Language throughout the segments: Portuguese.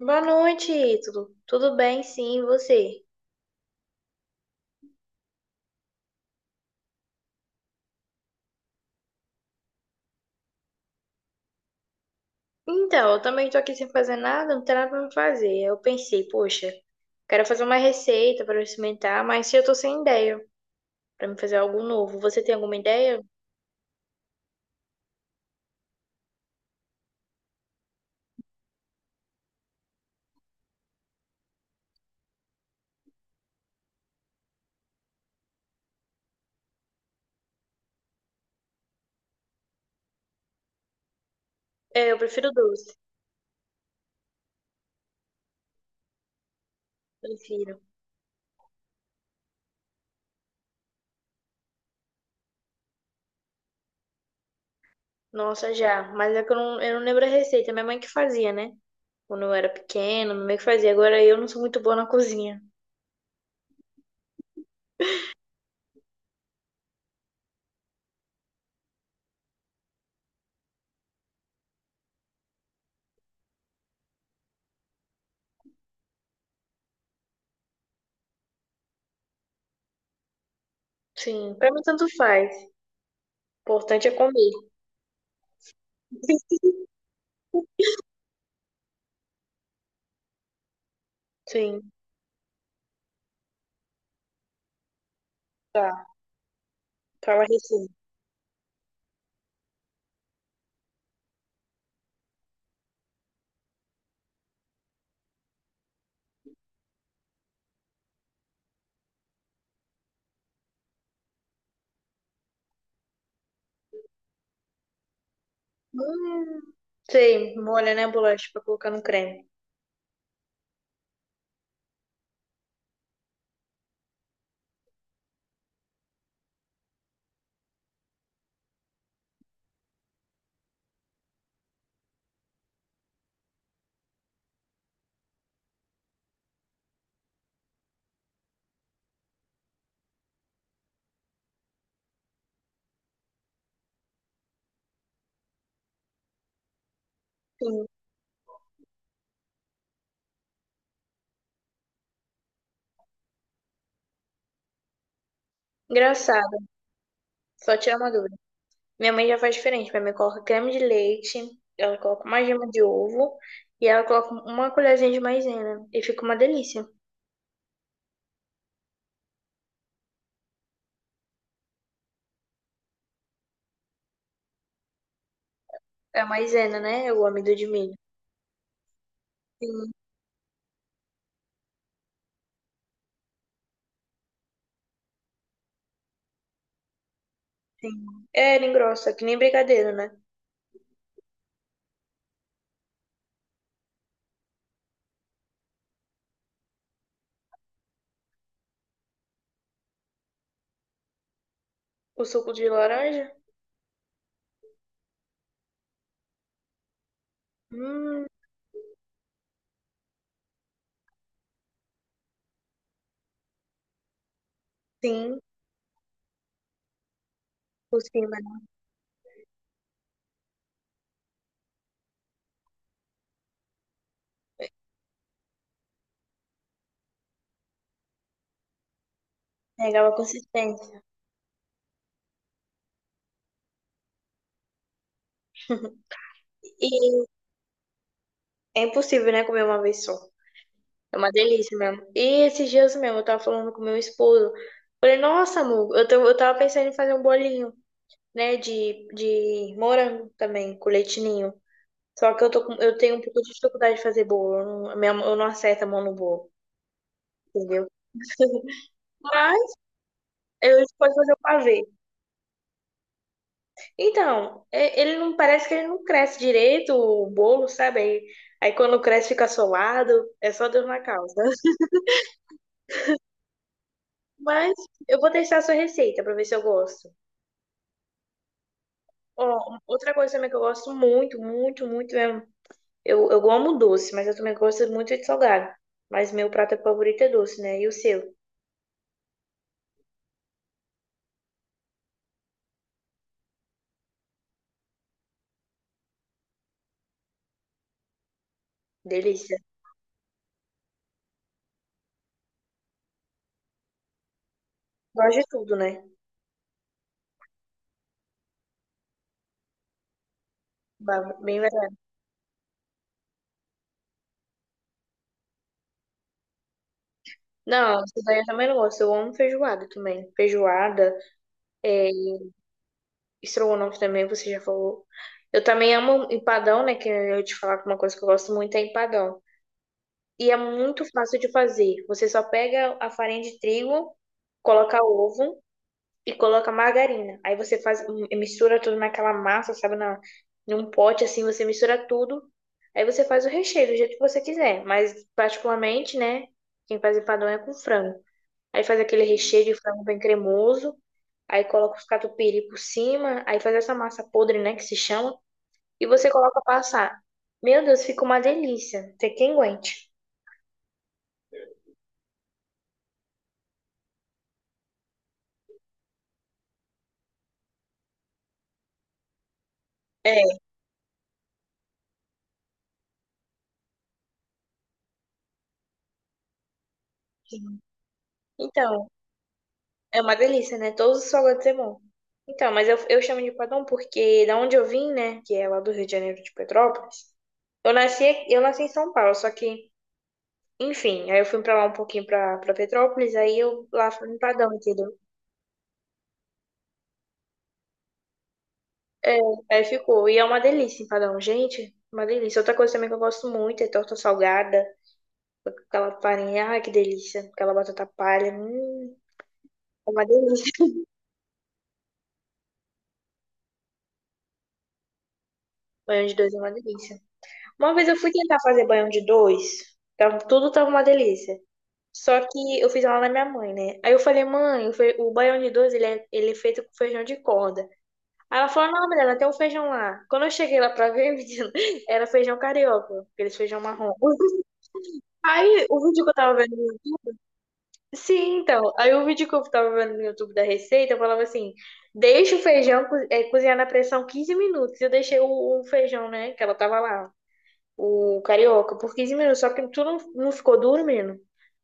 Boa noite, Ítalo. Tudo bem? Sim, e você? Então, eu também tô aqui sem fazer nada, não tem nada pra me fazer. Eu pensei, poxa, quero fazer uma receita pra eu experimentar, mas eu tô sem ideia pra me fazer algo novo. Você tem alguma ideia? É, eu prefiro doce. Prefiro. Nossa, já. Mas é que eu não lembro a receita. Minha mãe que fazia, né? Quando eu era pequena, minha mãe que fazia. Agora eu não sou muito boa na cozinha. Sim, pra mim tanto faz. O importante é comer. Sim, tá. Fala a receita. Hum, sei, molha, né, a bolacha pra colocar no creme. Sim. Engraçado, só tirar uma dúvida. Minha mãe já faz diferente. Minha mãe coloca creme de leite, ela coloca uma gema de ovo e ela coloca uma colherzinha de maisena. E fica uma delícia. É a maisena, né? É o amido de milho. Sim, sim. É, ele engrossa, que nem brigadeiro, né? O suco de laranja? Hum, sim, por cima, né? Pegava consistência. E é impossível, né, comer uma vez só. É uma delícia mesmo. E esses dias mesmo, eu tava falando com meu esposo. Falei, nossa, amor, eu tava pensando em fazer um bolinho, né, de morango também, com leite ninho. Só que eu tô com, eu tenho um pouco de dificuldade de fazer bolo. Eu não acerto a mão no bolo, entendeu? Mas eu posso fazer o pavê. Então, ele não parece que ele não cresce direito, o bolo, sabe? Aí quando cresce fica solado, é só Deus na causa. Mas eu vou testar a sua receita pra ver se eu gosto. Ó, outra coisa também que eu gosto muito, muito, muito mesmo. Eu amo doce, mas eu também gosto muito de salgado. Mas meu prato favorito é doce, né? E o seu? Delícia. Gosto de tudo, né? Bem verdade. Não, isso daí eu também não gosto. Eu amo feijoada também. Feijoada, estrogonofe também, você já falou. Eu também amo empadão, né? Que eu ia te falar que uma coisa que eu gosto muito é empadão. E é muito fácil de fazer. Você só pega a farinha de trigo, coloca ovo, e coloca margarina. Aí você faz, mistura tudo naquela massa, sabe, num pote assim, você mistura tudo. Aí você faz o recheio do jeito que você quiser, mas particularmente, né, quem faz empadão é com frango. Aí faz aquele recheio de frango bem cremoso, aí coloca os catupiry por cima, aí faz essa massa podre, né, que se chama, e você coloca pra assar. Meu Deus, fica uma delícia. Tem quem aguente. É, então, é uma delícia, né? Todos os salgados é bom. Então, mas eu chamo de padrão porque da onde eu vim, né? Que é lá do Rio de Janeiro, de Petrópolis. Eu nasci em São Paulo, só que, enfim, aí eu fui pra lá um pouquinho pra, Petrópolis, aí eu lá fui em padrão, entendeu? Aí ficou. E é uma delícia empadão, gente. Uma delícia. Outra coisa também que eu gosto muito é torta salgada, aquela farinha, ai que delícia. Aquela batata palha, é uma delícia. Banho de dois é uma delícia. Uma vez eu fui tentar fazer banho de dois, tava, tudo tava uma delícia. Só que eu fiz ela na minha mãe, né? Aí eu falei, mãe, o baião de dois, ele é feito com feijão de corda. Aí ela falou, não, menina, tem um feijão lá. Quando eu cheguei lá pra ver, menina, era feijão carioca, aquele feijão marrom. Aí o vídeo que eu tava vendo. Sim, então. Aí o vídeo que eu tava vendo no YouTube da receita, eu falava assim: deixa o feijão cozinhar na pressão 15 minutos. Eu deixei o feijão, né? Que ela tava lá o Carioca por 15 minutos, só que tudo não ficou duro, menino.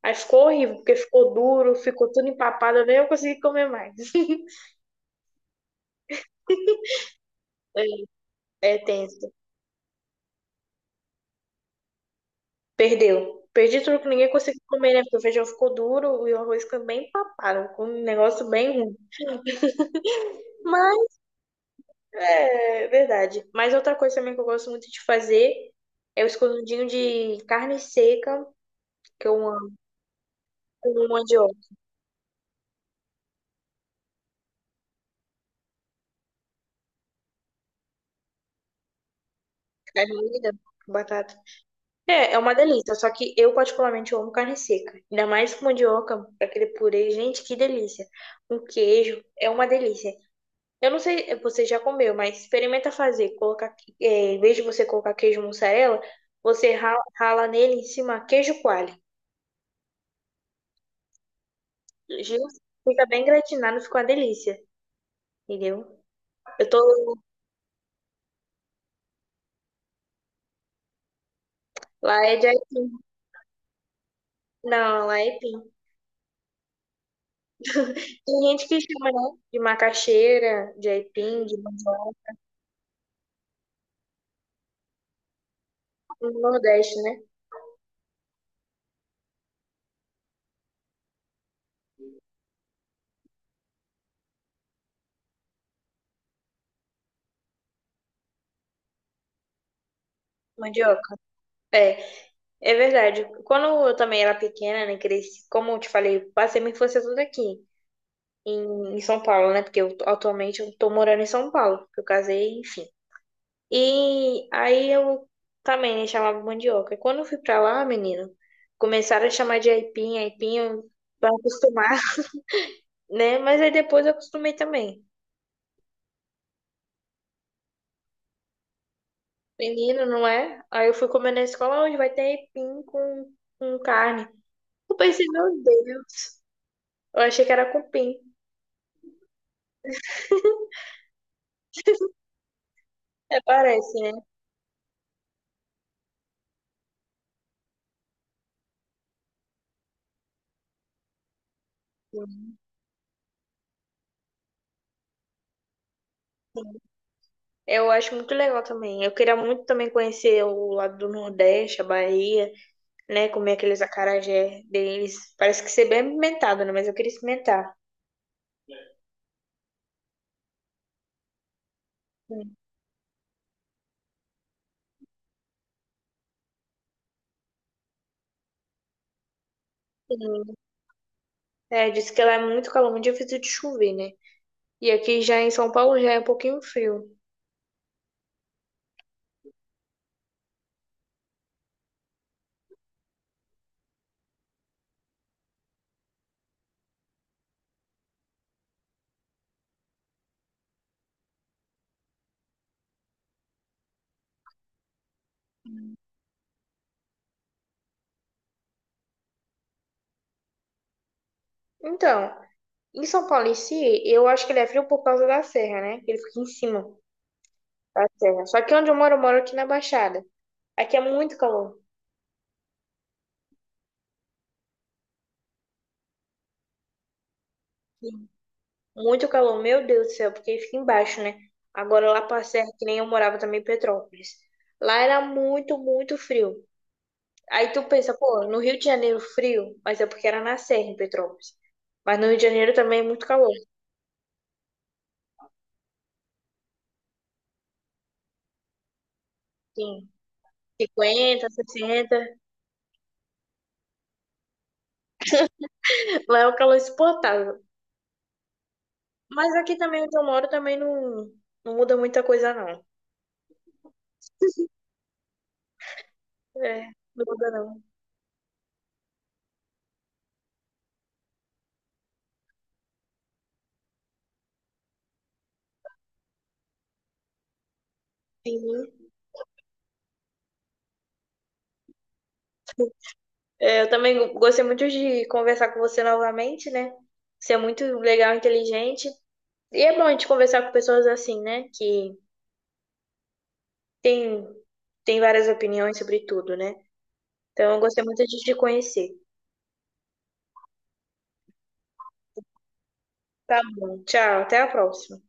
Aí ficou horrível, porque ficou duro, ficou tudo empapado, nem eu consegui comer mais. É tenso. Perdeu. Perdi tudo, que ninguém conseguiu comer, né? Porque o feijão ficou duro e o arroz ficou bem empapado, com um negócio bem ruim. Mas é verdade. Mas outra coisa também que eu gosto muito de fazer é o escondidinho de carne seca, que eu amo, com mandioca, carne moída, batata. É uma delícia, só que eu particularmente amo carne seca. Ainda mais com mandioca, aquele purê, gente, que delícia. Um queijo, é uma delícia. Eu não sei, você já comeu, mas experimenta fazer, colocar, em vez de você colocar queijo mussarela, você rala, rala nele em cima queijo coalho. Gente, fica bem gratinado, fica uma delícia, entendeu? Eu tô, lá é de aipim. Não, lá é aipim. Tem gente que chama, né, de macaxeira, de aipim, de mandioca, no Nordeste, né? Mandioca. É. É verdade. Quando eu também era pequena, né, cresci, como eu te falei, passei minha infância toda aqui, em São Paulo, né? Porque eu, atualmente eu tô morando em São Paulo, porque eu casei, enfim. E aí eu também, né, chamava mandioca. E quando eu fui pra lá, menino, começaram a chamar de aipim, aipim, pra acostumar, né? Mas aí depois eu acostumei também. Menino, não é? Aí eu fui comer na escola, onde vai ter aipim com, carne. Eu pensei, meu Deus, eu achei que era cupim. É, parece, né? Eu acho muito legal também. Eu queria muito também conhecer o lado do Nordeste, a Bahia, né? Comer aqueles acarajé deles. Parece que ser bem alimentado, né? Mas eu queria experimentar. Sim. É, disse que lá é muito calor, muito difícil de chover, né? E aqui já em São Paulo já é um pouquinho frio. Então, em São Paulo em si, eu acho que ele é frio por causa da serra, né? Ele fica em cima da serra. Só que onde eu moro aqui na Baixada. Aqui é muito calor. Muito calor, meu Deus do céu, porque fica embaixo, né? Agora lá pra Serra, que nem eu morava também em Petrópolis. Lá era muito, muito frio. Aí tu pensa, pô, no Rio de Janeiro frio, mas é porque era na Serra em Petrópolis. Mas no Rio de Janeiro também é muito calor, sim. 50, 60 Lá é o calor insuportável. Mas aqui também onde eu moro também não muda muita coisa, não. É, não muda não. Sim. É, eu também gostei muito de conversar com você novamente, né? Você é muito legal, inteligente. E é bom a gente conversar com pessoas assim, né? Que tem, tem várias opiniões sobre tudo, né? Então, eu gostei muito de te conhecer. Tá bom, tchau, até a próxima.